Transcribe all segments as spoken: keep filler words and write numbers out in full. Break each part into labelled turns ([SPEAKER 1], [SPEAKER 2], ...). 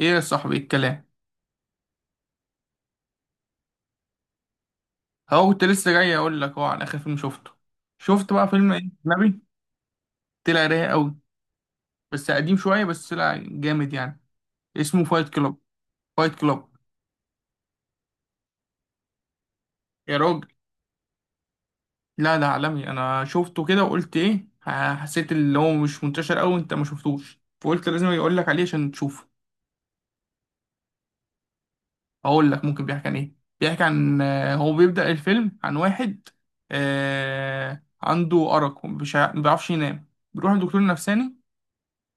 [SPEAKER 1] ايه يا صاحبي الكلام؟ هو كنت لسه جاي اقول لك، هو على اخر فيلم شفته. شفت بقى فيلم ايه؟ اجنبي. طلع رايق قوي. بس قديم شويه، بس طلع جامد يعني. اسمه فايت كلوب. فايت كلوب. يا راجل. لا، ده عالمي، انا شفته كده وقلت ايه، ح- حسيت اللي هو مش منتشر قوي، انت ما شفتوش، فقلت لازم اقول لك عليه عشان تشوفه. اقول لك ممكن بيحكي عن ايه، بيحكي عن آه، هو بيبدأ الفيلم عن واحد آه عنده أرق، ومش ع- ما بيعرفش ينام، بيروح لدكتور نفساني،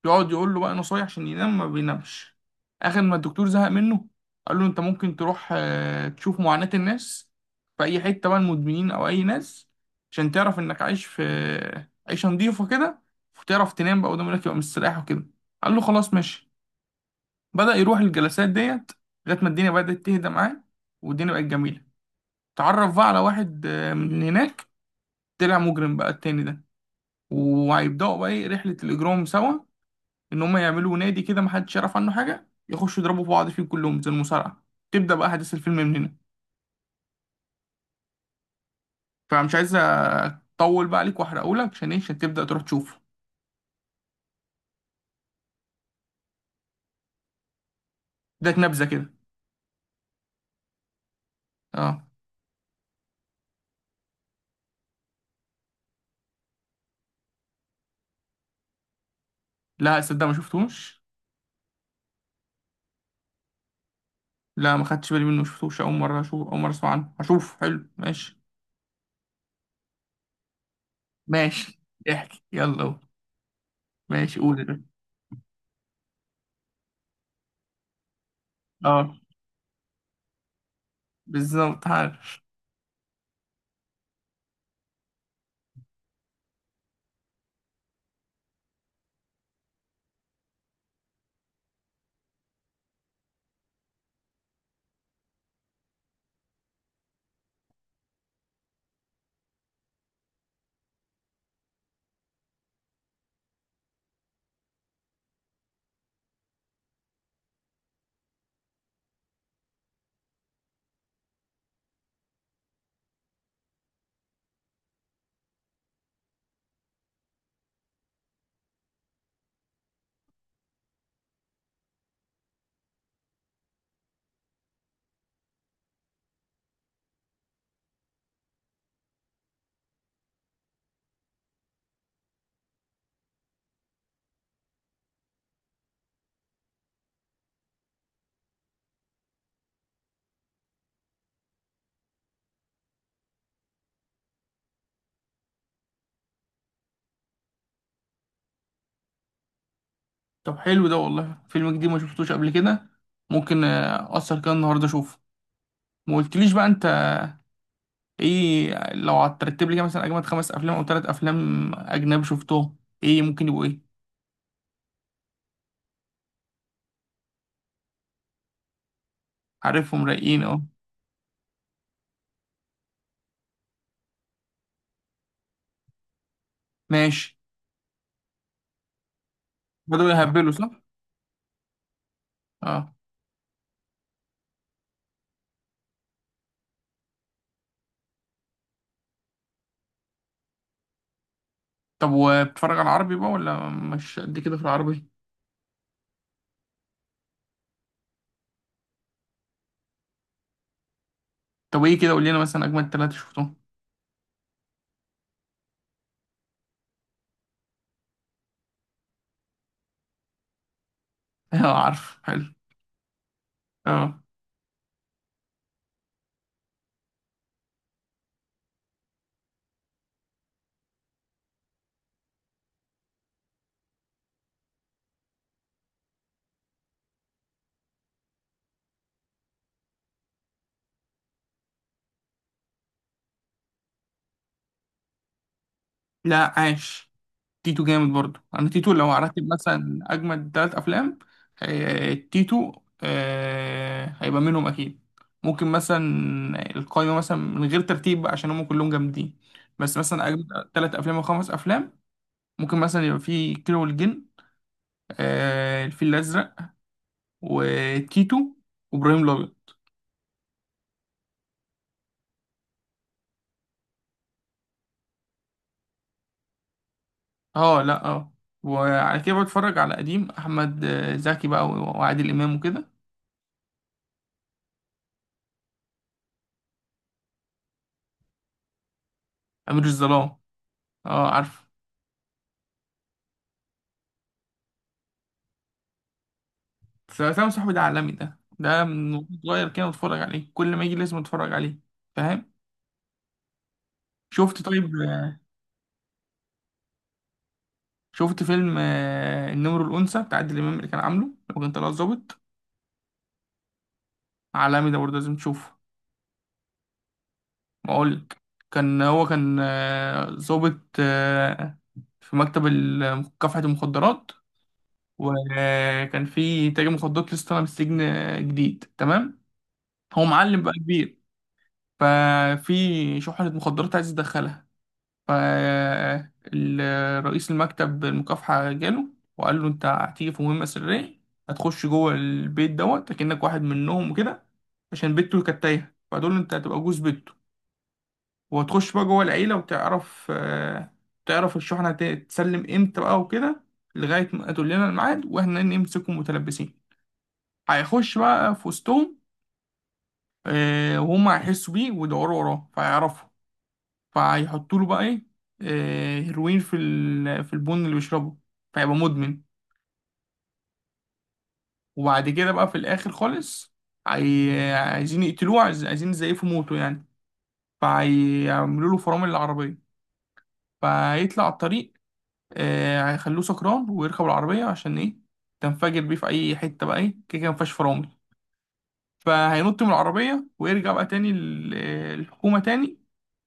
[SPEAKER 1] يقعد يقول له بقى نصايح عشان ينام، ما بينامش. اخر ما الدكتور زهق منه، قال له انت ممكن تروح آه، تشوف معاناة الناس في اي حتة بقى، المدمنين او اي ناس، عشان تعرف انك عايش في عيشة نضيفة كده، وتعرف تنام بقى، ودماغك يبقى مستريح وكده. قال له خلاص ماشي. بدأ يروح الجلسات ديت، لغاية ما الدنيا بدأت تهدى معاه، والدنيا بقت جميلة. تعرف بقى على واحد آه، من هناك، طلع مجرم بقى التاني ده، وهيبدأوا بقى ايه، رحلة الإجرام سوا. ان هم يعملوا نادي كده محدش يعرف عنه حاجه، يخشوا يضربوا في بعض فيه كلهم زي المصارعه. تبدا بقى احداث الفيلم من هنا. فمش عايز اطول بقى عليك واحرقهولك، عشان ايه؟ عشان تبدا تروح تشوفه. اداك نبذه كده. اه. لا، صدق ما شفتوش. لا، ما خدتش بالي منه، ما شفتوش، اول مره اشوف اول مره اسمع عنه، هشوف، حلو، ماشي. ماشي، احكي، يلا قول. ماشي، قول يا باشا. اه، بالظبط، عارف. طب حلو ده والله، فيلم جديد ما شفتوش قبل كده. ممكن آه، اثر كده النهارده اشوفه. ما قلتليش بقى انت، ايه لو هترتب لي كده مثلا اجمد خمس افلام او ثلاث افلام اجنبي شفتهم، ايه ممكن يبقوا ايه؟ عارفهم رايقين، اه. ماشي. بدأوا يهبلوا، صح؟ اه. طب وبتتفرج على العربي بقى، ولا مش قد كده في العربي؟ طب ايه كده، قول لنا مثلا اجمد ثلاثة شفتهم. اه، عارف، حلو. اه. لا، عاش. تيتو جامد برضو. انا تيتو لو هرتب مثلا اجمد ثلاث افلام، آه، تيتو آه، هيبقى منهم اكيد. ممكن مثلا القائمه مثلا من غير ترتيب بقى، عشان هم كلهم جامدين، بس مثلا اجمد ثلاث افلام او خمس افلام، ممكن مثلا يبقى في كيرة والجن، آه، الفيل الازرق، وتيتو، وابراهيم الابيض. اه، لا، اه. وعلى كده بتفرج على قديم احمد آه، زكي بقى، وعادل امام وكده. امير الظلام. اه عارف. سلام صاحبي ده عالمي، ده ده من وأنا صغير كده بتفرج عليه، كل ما يجي لازم اتفرج عليه. فاهم. شفت، طيب آه، شفت فيلم آه، النمر الأنثى بتاع عادل إمام، اللي كان عامله لو كان طلع ظابط. عالمي ده برضه، لازم تشوفه. بقولك، كان هو كان آه، ظابط آه، في مكتب ال- كافحة المخدرات. وكان في تاجر مخدرات لسه طالع من السجن آه، جديد تمام، هو معلم بقى كبير. ففي شحنة مخدرات عايز يدخلها، فرئيس المكتب المكافحة جاله، وقال له انت هتيجي في مهمة سرية، هتخش جوه البيت دوت كأنك واحد منهم وكده، عشان بنته كانت تايهة، فهتقول له انت هتبقى جوز بنته، وهتخش بقى جوه العيلة وتعرف آه، تعرف الشحنة هت- تسلم امتى بقى وكده، لغاية ما تقول لنا الميعاد واحنا نمسكهم متلبسين. هيخش بقى في وسطهم، آه، وهم هيحسوا بيه ويدوروا وراه، فهيعرفوا، فيحطوا له بقى ايه، آه، هيروين في ال- في البن اللي بيشربه، فيبقى مدمن. وبعد كده بقى في الاخر خالص، عاي... عايزين يقتلوه، عايز... عايزين يزيفوا موته يعني. فهيعملوا له فرامل العربية، فهيطلع على الطريق، آه، هيخلوه سكران ويركب العربية، عشان ايه؟ تنفجر بيه في اي حتة، بقى ايه كده كده مفيهاش فرامل. فهينط من العربية، ويرجع بقى تاني لل- الحكومة تاني،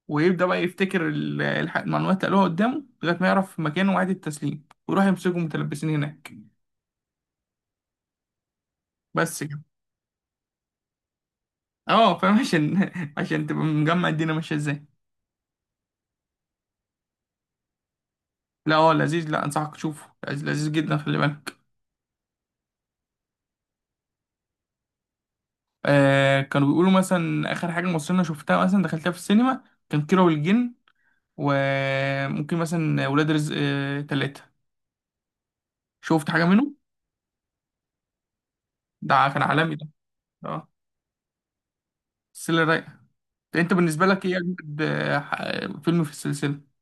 [SPEAKER 1] ويبدأ بقى يفتكر ال- الح- المعلومات اللي قالوها قدامه، لغاية ما يعرف مكانه وعيد التسليم، ويروح يمسكهم متلبسين هناك. بس كده. اه فاهم، عشان عشان تبقى مجمع الدنيا ماشية ازاي. لا هو لذيذ، لا انصحك تشوفه، لذيذ لذيذ جدا، خلي بالك. آه كانوا بيقولوا مثلا اخر حاجة مصرية أنا شفتها مثلا دخلتها في السينما، كان كيرة والجن. وممكن مثلا ولاد رزق آه، تلاتة. شفت حاجة منه؟ ده كان عالمي ده. اه. السلسلة رايقة. انت بالنسبة لك ايه اجمد آه، ح- فيلم في السلسلة؟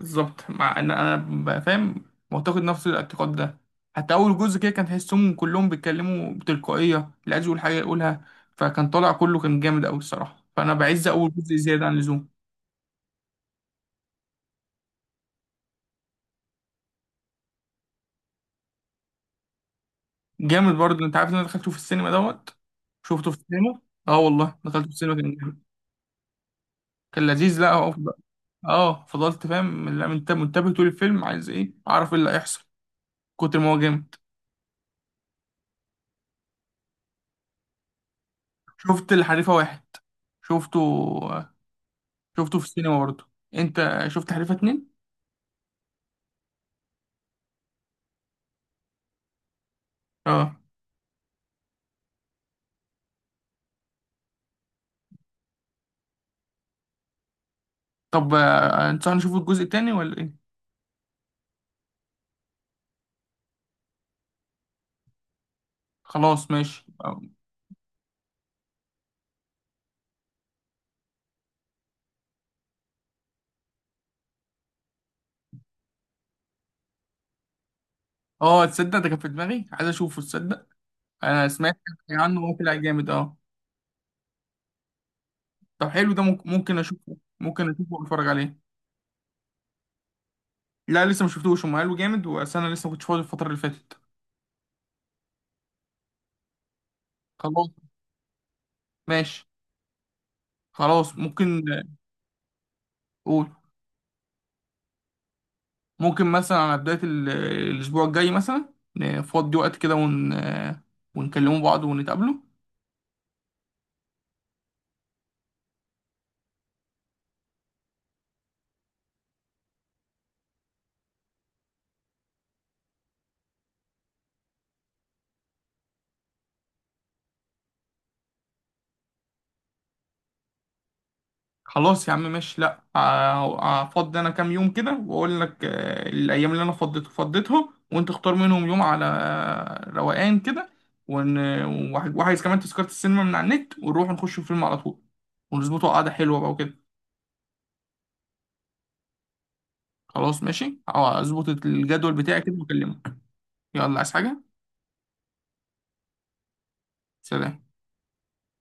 [SPEAKER 1] بالظبط، مع ان انا بقى فاهم، معتقد نفس الاعتقاد ده. حتى اول جزء كده كان تحسهم كلهم بيتكلموا بتلقائيه، اللي عايز يقول حاجه يقولها، فكان طالع كله كان جامد قوي الصراحه، فانا بعز اول جزء زياده عن اللزوم. جامد برضه، انت عارف ان انا دخلته في السينما دوت. شفته في السينما. اه والله دخلته في السينما، كان جامد. كان لذيذ، لا هو بقى. اه، فضلت فاهم، لا، منت- منتبه طول الفيلم، عايز ايه، اعرف ايه اللي هيحصل، كتر ما هو جامد. شفت الحريفه واحد، شفته، شفته في السينما برضه. انت شفت حريفه اتنين؟ اه، طب آه، انت هنشوف الجزء التاني ولا ايه؟ خلاص ماشي، اه. آه، تصدق، ده كان في دماغي عايز اشوفه، تصدق، انا سمعت عنه، هو طلع جامد اه. طب حلو ده، ممكن ممكن اشوفه، ممكن اشوفه واتفرج عليه. لا لسه ما شفتوش، هم قالوا جامد، بس انا لسه ما كنتش فاضي الفتره اللي فاتت. خلاص ماشي. خلاص، ممكن آه، قول. ممكن مثلا على بدايه ال- الاسبوع الجاي مثلا، نفضي وقت كده ون آه، ونكلموا بعض ونتقابلوا. خلاص يا عم ماشي، لا ه- هفضي انا كام يوم كده، واقول لك آه، الايام اللي انا فضيت فضيتها، وانت اختار منهم يوم على آه، روقان كده، ون... وه- وعايز كمان تذكرة السينما من على النت، ونروح نخش فيلم على طول، ونظبطه قعدة حلوة بقى وكده. خلاص ماشي، اه اظبط الجدول بتاعي كده واكلمك. يلا، عايز حاجة؟ سلام.